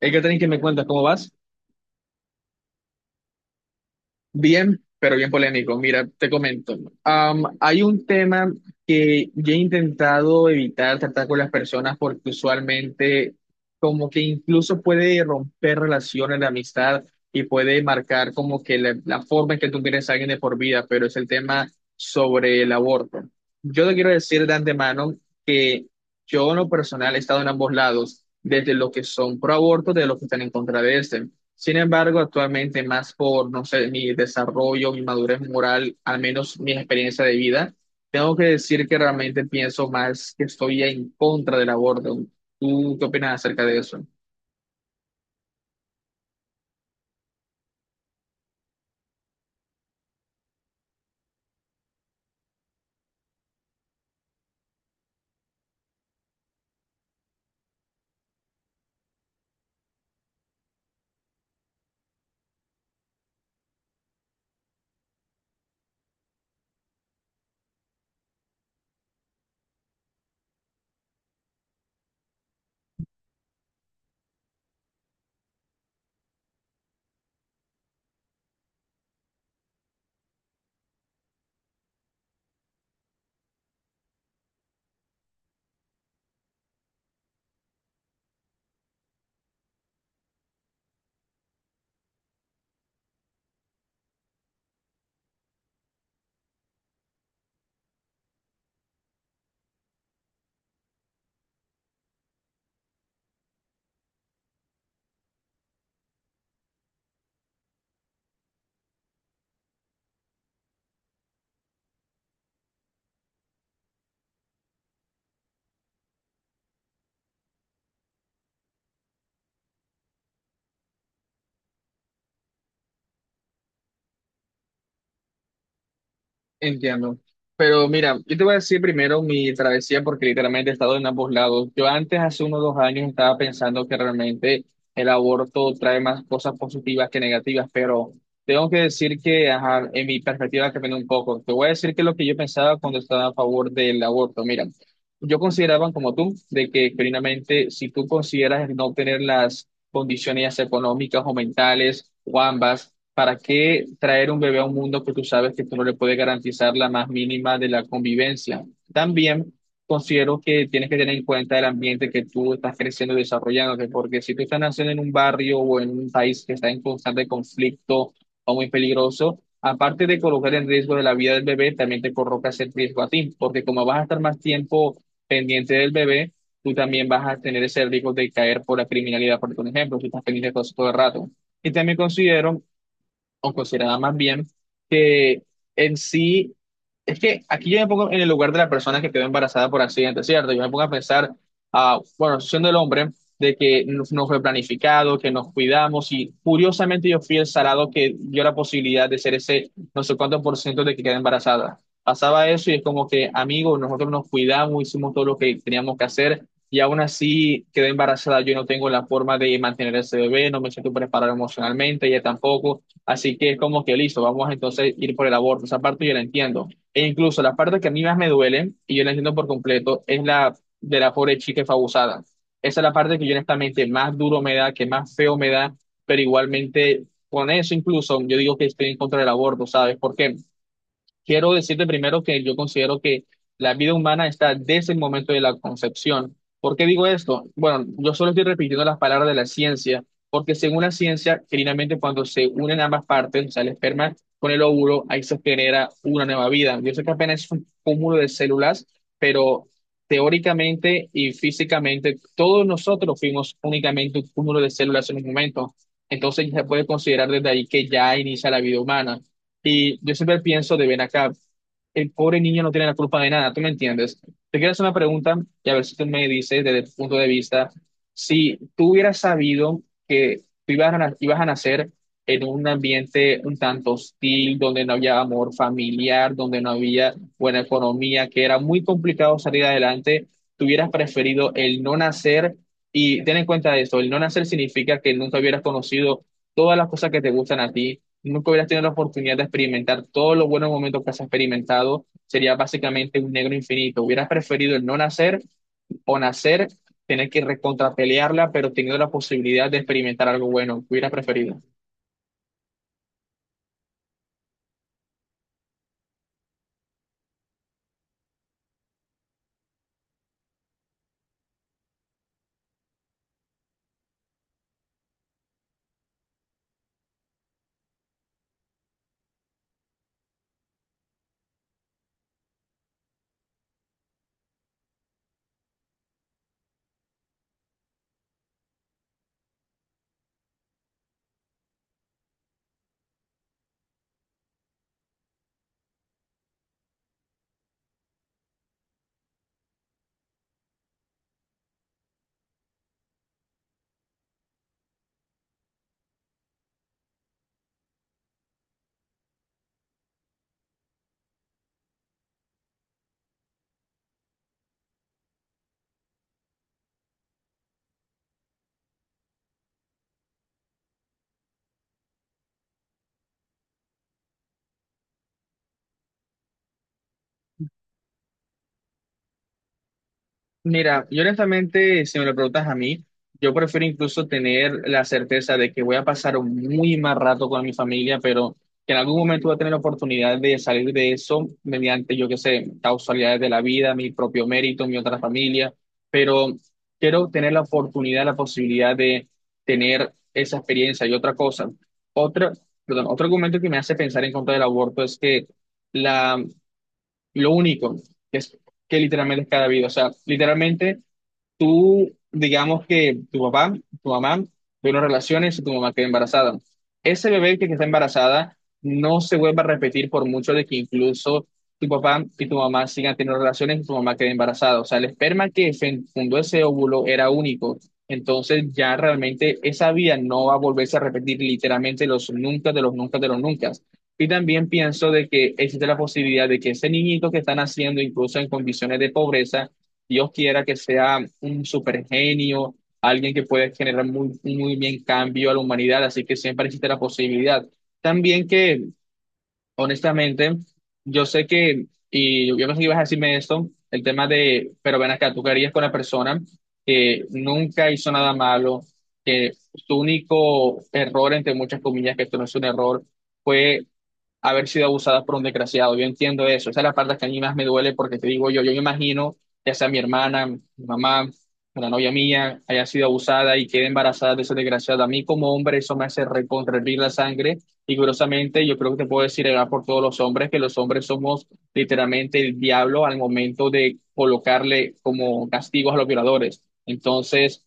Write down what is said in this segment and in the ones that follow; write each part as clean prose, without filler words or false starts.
Hey, Catherine, ¿que me cuentas? ¿Cómo vas? Bien, pero bien polémico. Mira, te comento. Hay un tema que yo he intentado evitar tratar con las personas porque usualmente como que incluso puede romper relaciones de amistad y puede marcar como que la forma en que tú quieres a alguien de por vida, pero es el tema sobre el aborto. Yo te quiero decir de antemano que yo en lo personal he estado en ambos lados, desde los que son pro aborto, de los que están en contra de este. Sin embargo, actualmente más por, no sé, mi desarrollo, mi madurez moral, al menos mi experiencia de vida, tengo que decir que realmente pienso más que estoy en contra del aborto. ¿Tú qué opinas acerca de eso? Entiendo. Pero mira, yo te voy a decir primero mi travesía porque literalmente he estado en ambos lados. Yo antes, hace unos dos años, estaba pensando que realmente el aborto trae más cosas positivas que negativas, pero tengo que decir que, ajá, en mi perspectiva cambió un poco. Te voy a decir que lo que yo pensaba cuando estaba a favor del aborto, mira, yo consideraba como tú, de que primeramente si tú consideras no tener las condiciones económicas o mentales o ambas, ¿para qué traer un bebé a un mundo que tú sabes que tú no le puedes garantizar la más mínima de la convivencia? También considero que tienes que tener en cuenta el ambiente que tú estás creciendo y desarrollándote, porque si tú estás naciendo en un barrio o en un país que está en constante conflicto o muy peligroso, aparte de colocar en riesgo de la vida del bebé, también te colocas en riesgo a ti, porque como vas a estar más tiempo pendiente del bebé, tú también vas a tener ese riesgo de caer por la criminalidad, por ejemplo, si estás pendiente de cosas todo el rato. Y también considero o considerada más bien, que en sí, es que aquí yo me pongo en el lugar de la persona que quedó embarazada por accidente, ¿cierto? Yo me pongo a pensar, ah, bueno, siendo el hombre, de que no, no fue planificado, que nos cuidamos y curiosamente yo fui el salado que dio la posibilidad de ser ese no sé cuánto por ciento de que queda embarazada. Pasaba eso y es como que, amigos, nosotros nos cuidamos, hicimos todo lo que teníamos que hacer. Y aún así quedé embarazada, yo no tengo la forma de mantener ese bebé, no me siento preparado emocionalmente, ella tampoco. Así que es como que listo, vamos entonces a ir por el aborto. Esa parte yo la entiendo. E incluso la parte que a mí más me duele, y yo la entiendo por completo, es la de la pobre chica que fue abusada. Esa es la parte que yo honestamente más duro me da, que más feo me da, pero igualmente con eso incluso yo digo que estoy en contra del aborto, ¿sabes por qué? Quiero decirte primero que yo considero que la vida humana está desde el momento de la concepción. ¿Por qué digo esto? Bueno, yo solo estoy repitiendo las palabras de la ciencia, porque según la ciencia, finalmente cuando se unen ambas partes, o sea, el esperma con el óvulo, ahí se genera una nueva vida. Yo sé que apenas es un cúmulo de células, pero teóricamente y físicamente todos nosotros fuimos únicamente un cúmulo de células en un momento. Entonces ya se puede considerar desde ahí que ya inicia la vida humana. Y yo siempre pienso de ven acá, el pobre niño no tiene la culpa de nada, ¿tú me entiendes? Te quiero hacer una pregunta y a ver si tú me dices desde tu punto de vista, si tú hubieras sabido que tú ibas a, ibas a nacer en un ambiente un tanto hostil, donde no había amor familiar, donde no había buena economía, que era muy complicado salir adelante, ¿tú hubieras preferido el no nacer? Y ten en cuenta esto, el no nacer significa que nunca hubieras conocido todas las cosas que te gustan a ti, nunca hubieras tenido la oportunidad de experimentar todos los buenos momentos que has experimentado, sería básicamente un negro infinito. ¿Hubieras preferido el no nacer o nacer, tener que recontrapelearla, pero teniendo la posibilidad de experimentar algo bueno, hubieras preferido? Mira, yo honestamente, si me lo preguntas a mí, yo prefiero incluso tener la certeza de que voy a pasar un muy mal rato con mi familia, pero que en algún momento voy a tener la oportunidad de salir de eso mediante, yo qué sé, causalidades de la vida, mi propio mérito, mi otra familia, pero quiero tener la oportunidad, la posibilidad de tener esa experiencia y otra cosa. Otra, perdón, otro argumento que me hace pensar en contra del aborto es que la, lo único que es que literalmente es cada vida, o sea, literalmente tú, digamos que tu papá, tu mamá tuvieron relaciones y tu mamá quedó embarazada. Ese bebé que está embarazada no se vuelva a repetir por mucho de que incluso tu papá y tu mamá sigan teniendo relaciones y tu mamá quede embarazada. O sea, el esperma que fundó ese óvulo era único. Entonces ya realmente esa vida no va a volverse a repetir literalmente los nunca de los nunca de los nunca. Y también pienso de que existe la posibilidad de que ese niñito que están haciendo, incluso en condiciones de pobreza, Dios quiera que sea un super genio, alguien que pueda generar muy, muy bien cambio a la humanidad, así que siempre existe la posibilidad. También que, honestamente, yo sé que, y yo pensé que ibas a decirme esto, el tema de, pero ven acá, tú querías con la persona que nunca hizo nada malo, que su único error, entre muchas comillas, que esto no es un error, fue haber sido abusadas por un desgraciado. Yo entiendo eso. Esa es la parte que a mí más me duele porque te digo yo, yo me imagino, ya sea mi hermana, mi mamá, la novia mía, haya sido abusada y quede embarazada de ese desgraciado. A mí como hombre eso me hace recontra hervir la sangre y curiosamente yo creo que te puedo decir, por todos los hombres que los hombres somos literalmente el diablo al momento de colocarle como castigos a los violadores. Entonces...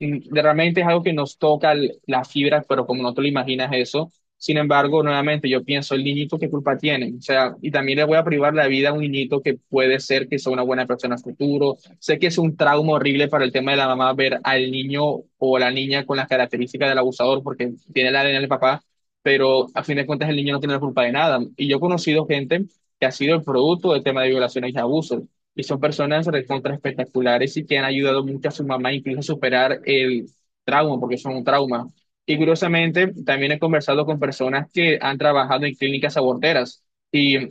mm, Realmente es algo que nos toca la fibra, pero como no te lo imaginas eso, sin embargo, nuevamente yo pienso, el niñito, ¿qué culpa tiene? O sea, y también le voy a privar la vida a un niñito que puede ser que sea una buena persona en el futuro. Sé que es un trauma horrible para el tema de la mamá ver al niño o la niña con las características del abusador porque tiene la ADN del papá, pero a fin de cuentas el niño no tiene la culpa de nada. Y yo he conocido gente que ha sido el producto del tema de violaciones y abusos. Y son personas recontra espectaculares y que han ayudado mucho a su mamá incluso a superar el trauma, porque son un trauma. Y curiosamente, también he conversado con personas que han trabajado en clínicas aborteras. Y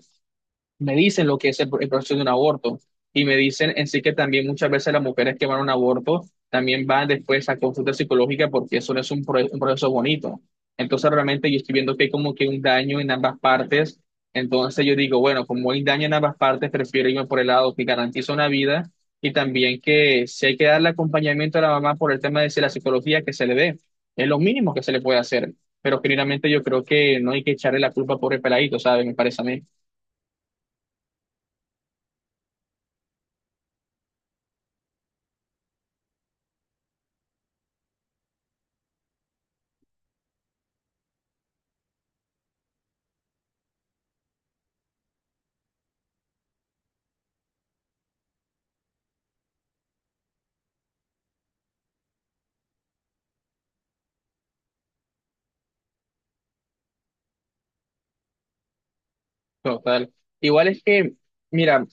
me dicen lo que es el proceso de un aborto y me dicen en sí que también muchas veces las mujeres que van a un aborto también van después a consulta psicológica porque eso no es un, un proceso bonito. Entonces realmente yo estoy viendo que hay como que un daño en ambas partes. Entonces yo digo, bueno, como hay daño en ambas partes, prefiero irme por el lado que garantiza una vida y también que si hay que darle acompañamiento a la mamá por el tema de si la psicología que se le dé, es lo mínimo que se le puede hacer. Pero generalmente yo creo que no hay que echarle la culpa por el peladito, ¿sabes? Me parece a mí. Total. Igual es que, mira,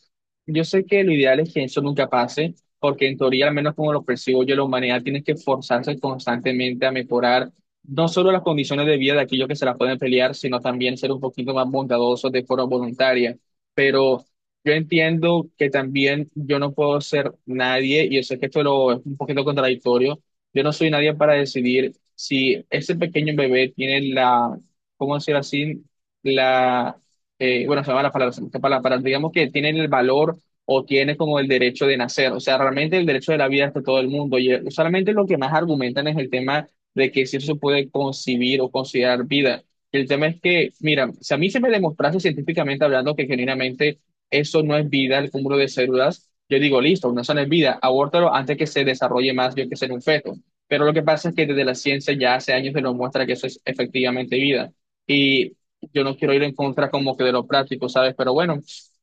yo sé que lo ideal es que eso nunca pase, porque en teoría, al menos como lo percibo yo, la humanidad tiene que forzarse constantemente a mejorar no solo las condiciones de vida de aquellos que se las pueden pelear, sino también ser un poquito más bondadosos de forma voluntaria. Pero yo entiendo que también yo no puedo ser nadie, y yo sé que esto lo, es un poquito contradictorio, yo no soy nadie para decidir si ese pequeño bebé tiene la, ¿cómo decir así? La bueno, se llama la palabra, esta palabra, digamos que tienen el valor o tienen como el derecho de nacer. O sea, realmente el derecho de la vida es de todo el mundo. Solamente lo que más argumentan es el tema de que si eso se puede concebir o considerar vida. Y el tema es que, mira, si a mí se me demostrase científicamente hablando que genuinamente eso no es vida, el cúmulo de células, yo digo, listo, no eso no es vida, abórtalo antes que se desarrolle más, yo que ser un feto. Pero lo que pasa es que desde la ciencia ya hace años se nos muestra que eso es efectivamente vida. Y yo no quiero ir en contra como que de lo práctico, ¿sabes? Pero bueno,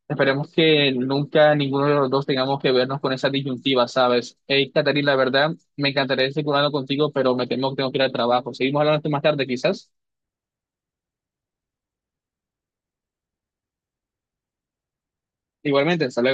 esperemos que nunca ninguno de los dos tengamos que vernos con esa disyuntiva, ¿sabes? Hey, Caterina, la verdad, me encantaría seguir hablando contigo, pero me temo que tengo que ir al trabajo. Seguimos hablando esto más tarde, quizás. Igualmente, hasta luego.